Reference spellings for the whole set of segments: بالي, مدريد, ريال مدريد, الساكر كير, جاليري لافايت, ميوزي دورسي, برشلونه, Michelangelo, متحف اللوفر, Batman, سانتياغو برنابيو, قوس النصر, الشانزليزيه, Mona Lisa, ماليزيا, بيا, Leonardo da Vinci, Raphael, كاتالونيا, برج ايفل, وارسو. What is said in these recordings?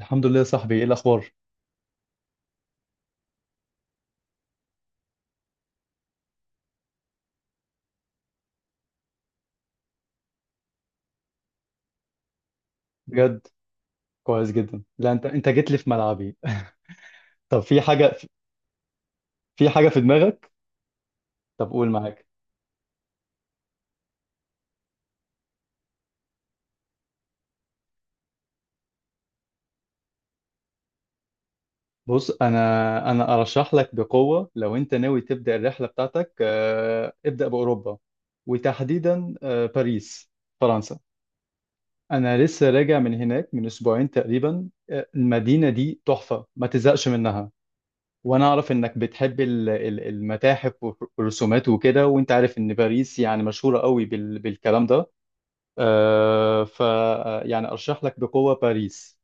الحمد لله يا صاحبي، ايه الاخبار؟ بجد؟ كويس جدا. لا، انت جيت لي في ملعبي. طب، في حاجه في دماغك؟ طب، قول. معاك. بص، انا ارشح لك بقوه. لو انت ناوي تبدا الرحله بتاعتك، ابدا باوروبا، وتحديدا باريس، فرنسا. انا لسه راجع من هناك من اسبوعين تقريبا. المدينه دي تحفه، ما تزهقش منها. وانا اعرف انك بتحب المتاحف والرسومات وكده. وانت عارف ان باريس يعني مشهوره قوي بالكلام ده. آه، ف آه، يعني ارشح لك بقوه باريس.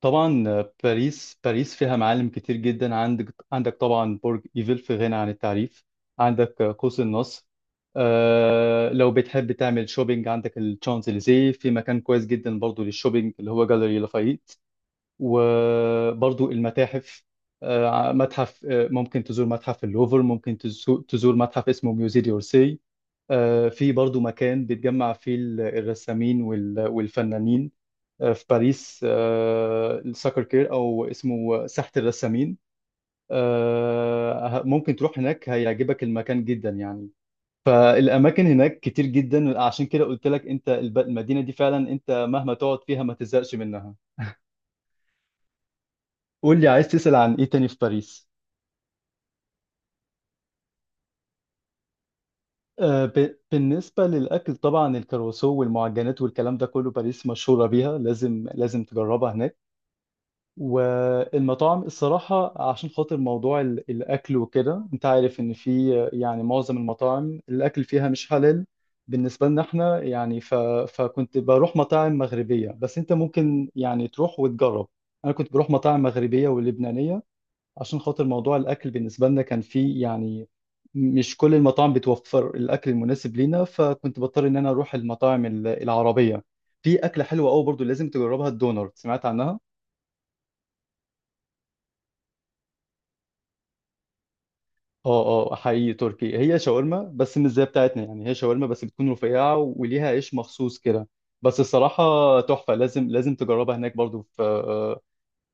طبعا. باريس فيها معالم كتير جدا. عندك طبعا برج ايفل، في غنى عن التعريف. عندك قوس النصر. لو بتحب تعمل شوبينج، عندك الشانزليزيه. في مكان كويس جدا برضو للشوبينج، اللي هو جاليري لافايت. وبرضو المتاحف. آه، متحف آه، ممكن تزور متحف اللوفر، ممكن تزور متحف اسمه ميوزي دورسي. في برضو مكان بيتجمع فيه الرسامين والفنانين في باريس. الساكر كير، او اسمه ساحة الرسامين. ممكن تروح هناك، هيعجبك المكان جدا يعني. فالاماكن هناك كتير جدا. عشان كده قلت لك انت، المدينة دي فعلا، انت مهما تقعد فيها ما تزهقش منها. قول لي، عايز تسأل عن ايه تاني في باريس؟ بالنسبة للأكل، طبعا الكروسو والمعجنات والكلام ده كله، باريس مشهورة بيها. لازم تجربها هناك. والمطاعم الصراحة، عشان خاطر موضوع الأكل وكده، أنت عارف إن في يعني معظم المطاعم الأكل فيها مش حلال بالنسبة لنا إحنا يعني. فكنت بروح مطاعم مغربية، بس أنت ممكن يعني تروح وتجرب. أنا كنت بروح مطاعم مغربية ولبنانية. عشان خاطر موضوع الأكل بالنسبة لنا كان فيه يعني، مش كل المطاعم بتوفر الأكل المناسب لينا، فكنت بضطر إن أنا أروح المطاعم العربية. في أكلة حلوة أوي برضو لازم تجربها، الدونر. سمعت عنها؟ اه، اه، حقيقي تركي. هي شاورما بس مش زي بتاعتنا يعني. هي شاورما بس بتكون رفيعة وليها عيش مخصوص كده. بس الصراحة تحفة، لازم تجربها هناك برضو. في آه،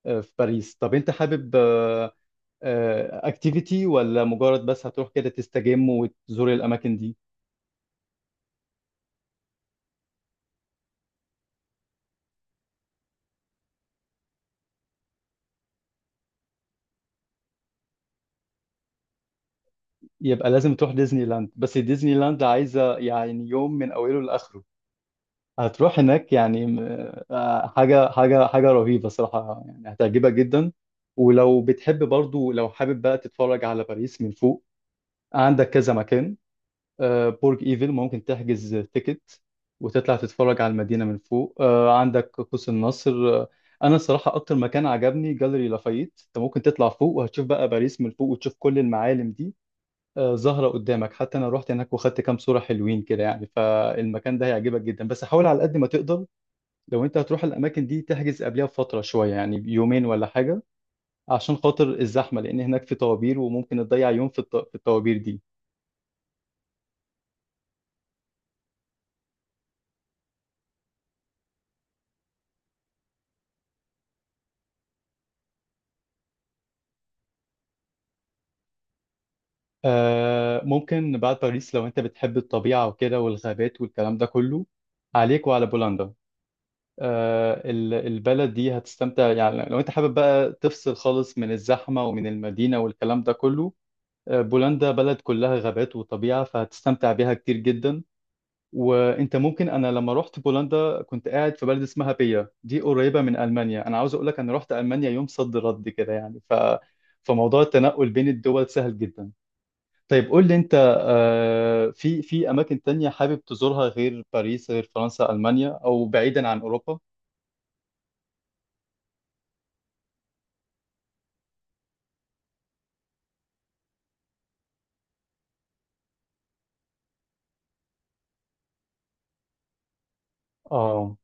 في باريس. طب انت حابب اكتيفيتي، ولا مجرد بس هتروح كده تستجم وتزور الأماكن دي؟ يبقى لازم تروح ديزني لاند. بس ديزني لاند عايزة يعني يوم من أوله لآخره. هتروح هناك يعني. حاجة رهيبة صراحة يعني، هتعجبك جدا. ولو بتحب برضو، لو حابب بقى تتفرج على باريس من فوق، عندك كذا مكان. برج ايفل، ممكن تحجز تيكت وتطلع تتفرج على المدينة من فوق. عندك قوس النصر. أنا الصراحة أكتر مكان عجبني جاليري لافايت. أنت ممكن تطلع فوق وهتشوف بقى باريس من فوق وتشوف كل المعالم دي ظاهرة قدامك. حتى أنا رحت هناك وخدت كام صورة حلوين كده يعني، فالمكان ده هيعجبك جدا. بس حاول على قد ما تقدر، لو انت هتروح الاماكن دي تحجز قبلها بفتره شويه، يعني بيومين ولا حاجه، عشان خاطر الزحمه، لان هناك في طوابير وممكن تضيع يوم في الطوابير دي. آه، ممكن بعد باريس، لو انت بتحب الطبيعه وكده والغابات والكلام ده كله، عليك وعلى بولندا. البلد دي هتستمتع يعني، لو انت حابب بقى تفصل خالص من الزحمه ومن المدينه والكلام ده كله. بولندا بلد كلها غابات وطبيعه، فهتستمتع بيها كتير جدا. وانت ممكن، انا لما رحت بولندا كنت قاعد في بلد اسمها بيا دي، قريبه من المانيا. انا عاوز اقول لك انا رحت المانيا يوم صد رد كده يعني، فموضوع التنقل بين الدول سهل جدا. طيب، قول لي انت، في اماكن تانية حابب تزورها غير باريس، غير فرنسا، المانيا، او بعيدا عن اوروبا؟ اه،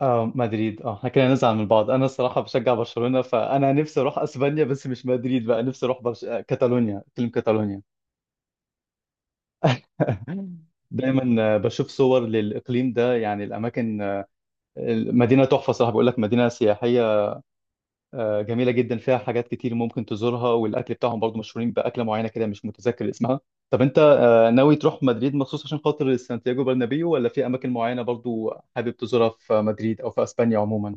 اه، مدريد. اه، احنا كده نزعل من بعض. انا الصراحه بشجع برشلونه. فانا نفسي اروح اسبانيا بس مش مدريد بقى. نفسي اروح برش... آه، كاتالونيا، فيلم كاتالونيا. دايما بشوف صور للإقليم ده يعني، الأماكن. المدينة تحفة صراحة، بقول لك، مدينة سياحية جميلة جدا، فيها حاجات كتير ممكن تزورها. والأكل بتاعهم برضو مشهورين بأكلة معينة كده، مش متذكر اسمها. طب أنت ناوي تروح مدريد مخصوص عشان خاطر سانتياغو برنابيو، ولا في أماكن معينة برضو حابب تزورها في مدريد أو في أسبانيا عموما؟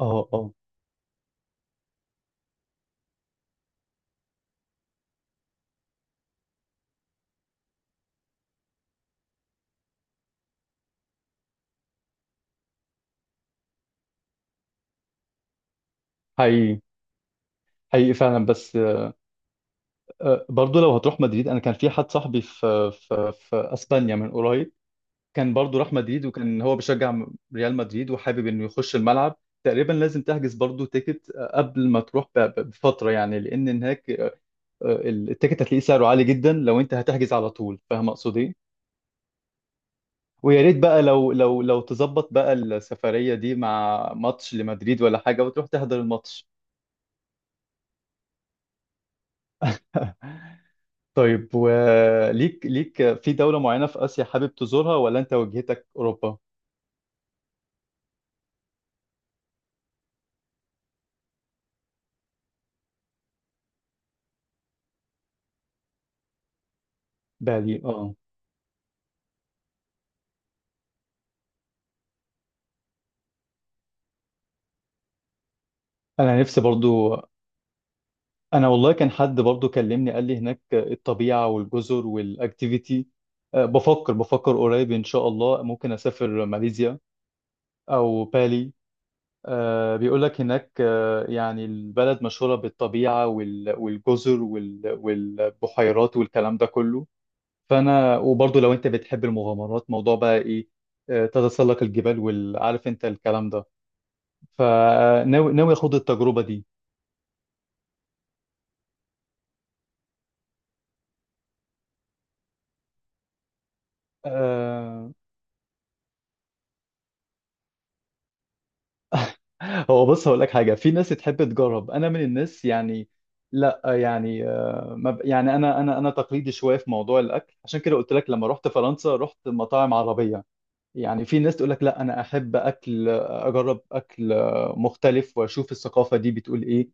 اه، اه، حقيقي حقيقي فعلا. بس برضو لو هتروح مدريد، أنا كان في حد صاحبي في أسبانيا من قريب، كان برضو راح مدريد وكان هو بيشجع ريال مدريد وحابب انه يخش الملعب. تقريبا لازم تحجز برضو تيكت قبل ما تروح بفترة يعني، لان هناك التيكت هتلاقيه سعره عالي جدا لو انت هتحجز على طول. فاهم اقصد ايه؟ ويا ريت بقى لو تظبط بقى السفرية دي مع ماتش لمدريد ولا حاجة وتروح تحضر الماتش. طيب، وليك في دولة معينة في آسيا حابب تزورها، ولا انت وجهتك اوروبا؟ بالي. اه، انا نفسي برضو. انا والله، كان حد برضو كلمني قال لي هناك الطبيعه والجزر والاكتيفيتي. بفكر قريب ان شاء الله ممكن اسافر ماليزيا او بالي. بيقول لك هناك، يعني البلد مشهوره بالطبيعه والجزر والبحيرات والكلام ده كله. فانا وبرضو، لو انت بتحب المغامرات، موضوع بقى ايه، تتسلق الجبال والعارف انت الكلام ده. فناوي، اخد التجربه دي. آه، هو بص، هقول لك حاجه. في ناس تحب تجرب، انا من الناس يعني. لا يعني، آه، ما ب- يعني انا تقليدي شويه في موضوع الاكل. عشان كده قلت لك لما رحت فرنسا رحت مطاعم عربيه. يعني في ناس تقول لك، لا، انا احب اكل، اجرب اكل مختلف، واشوف الثقافه دي بتقول ايه.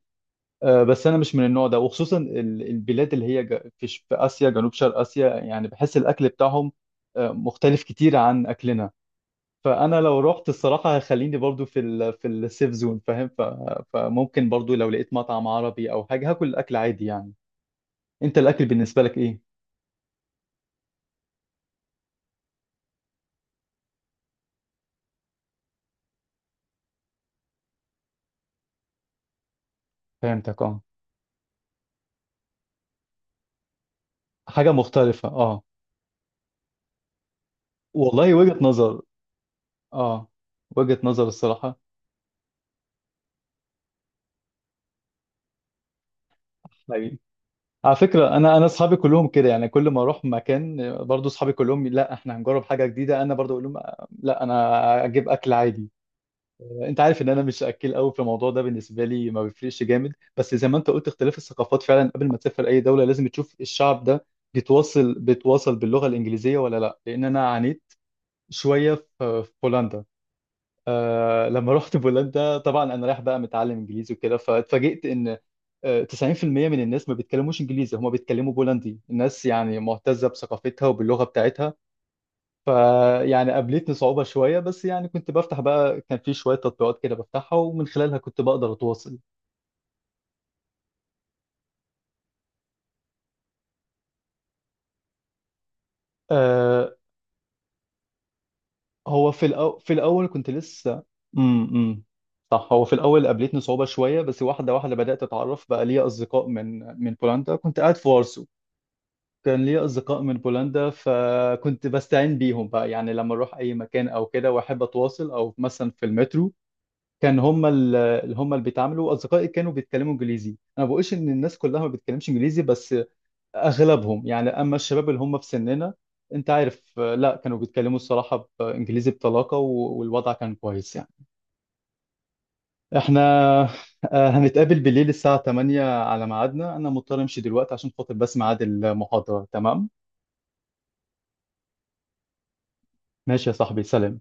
بس انا مش من النوع ده، وخصوصا البلاد اللي هي في اسيا، جنوب شرق اسيا يعني. بحس الاكل بتاعهم مختلف كتير عن اكلنا. فانا لو رحت الصراحه، هخليني برضو في السيف زون، فاهم. فممكن برضو لو لقيت مطعم عربي او حاجه هاكل الاكل عادي يعني. انت الاكل بالنسبه لك ايه؟ فهمتك، اه، حاجه مختلفه، اه. والله، وجهه نظر. اه، وجهه نظر الصراحه. حقيقي. على فكره، انا اصحابي كلهم كده يعني. كل ما اروح مكان برضو اصحابي كلهم، لا احنا هنجرب حاجه جديده، انا برضو اقول لهم، لا انا اجيب اكل عادي. انت عارف ان انا مش اكيل قوي في الموضوع ده. بالنسبه لي ما بيفرقش جامد، بس زي ما انت قلت، اختلاف الثقافات فعلا. قبل ما تسافر اي دوله لازم تشوف الشعب ده بيتواصل باللغه الانجليزيه ولا لا. لان انا عانيت شويه في بولندا. لما رحت بولندا، طبعا انا رايح بقى متعلم انجليزي وكده، فاتفاجئت ان 90% من الناس ما بيتكلموش انجليزي، هم بيتكلموا بولندي. الناس يعني معتزه بثقافتها وباللغه بتاعتها. فيعني قابلتني صعوبة شوية، بس يعني كنت بفتح بقى، كان في شوية تطبيقات كده بفتحها ومن خلالها كنت بقدر أتواصل. آه هو في الأول كنت لسه. امم امم، صح، هو في الأول قابلتني صعوبة شوية، بس واحدة واحدة بدأت أتعرف بقى ليا أصدقاء من بولندا. كنت قاعد في وارسو. كان ليا أصدقاء من بولندا، فكنت بستعين بيهم بقى يعني. لما أروح أي مكان أو كده وأحب أتواصل، أو مثلا في المترو، كان هم اللي بيتعاملوا. اصدقائي كانوا بيتكلموا انجليزي. انا ما بقولش ان الناس كلها ما بتتكلمش انجليزي، بس اغلبهم يعني. اما الشباب اللي هم في سننا، انت عارف، لا كانوا بيتكلموا الصراحة بانجليزي بطلاقة، والوضع كان كويس يعني. احنا هنتقابل بالليل الساعة 8 على ميعادنا. انا مضطر امشي دلوقتي عشان خاطر بس ميعاد المحاضرة. تمام؟ ماشي يا صاحبي، سلام.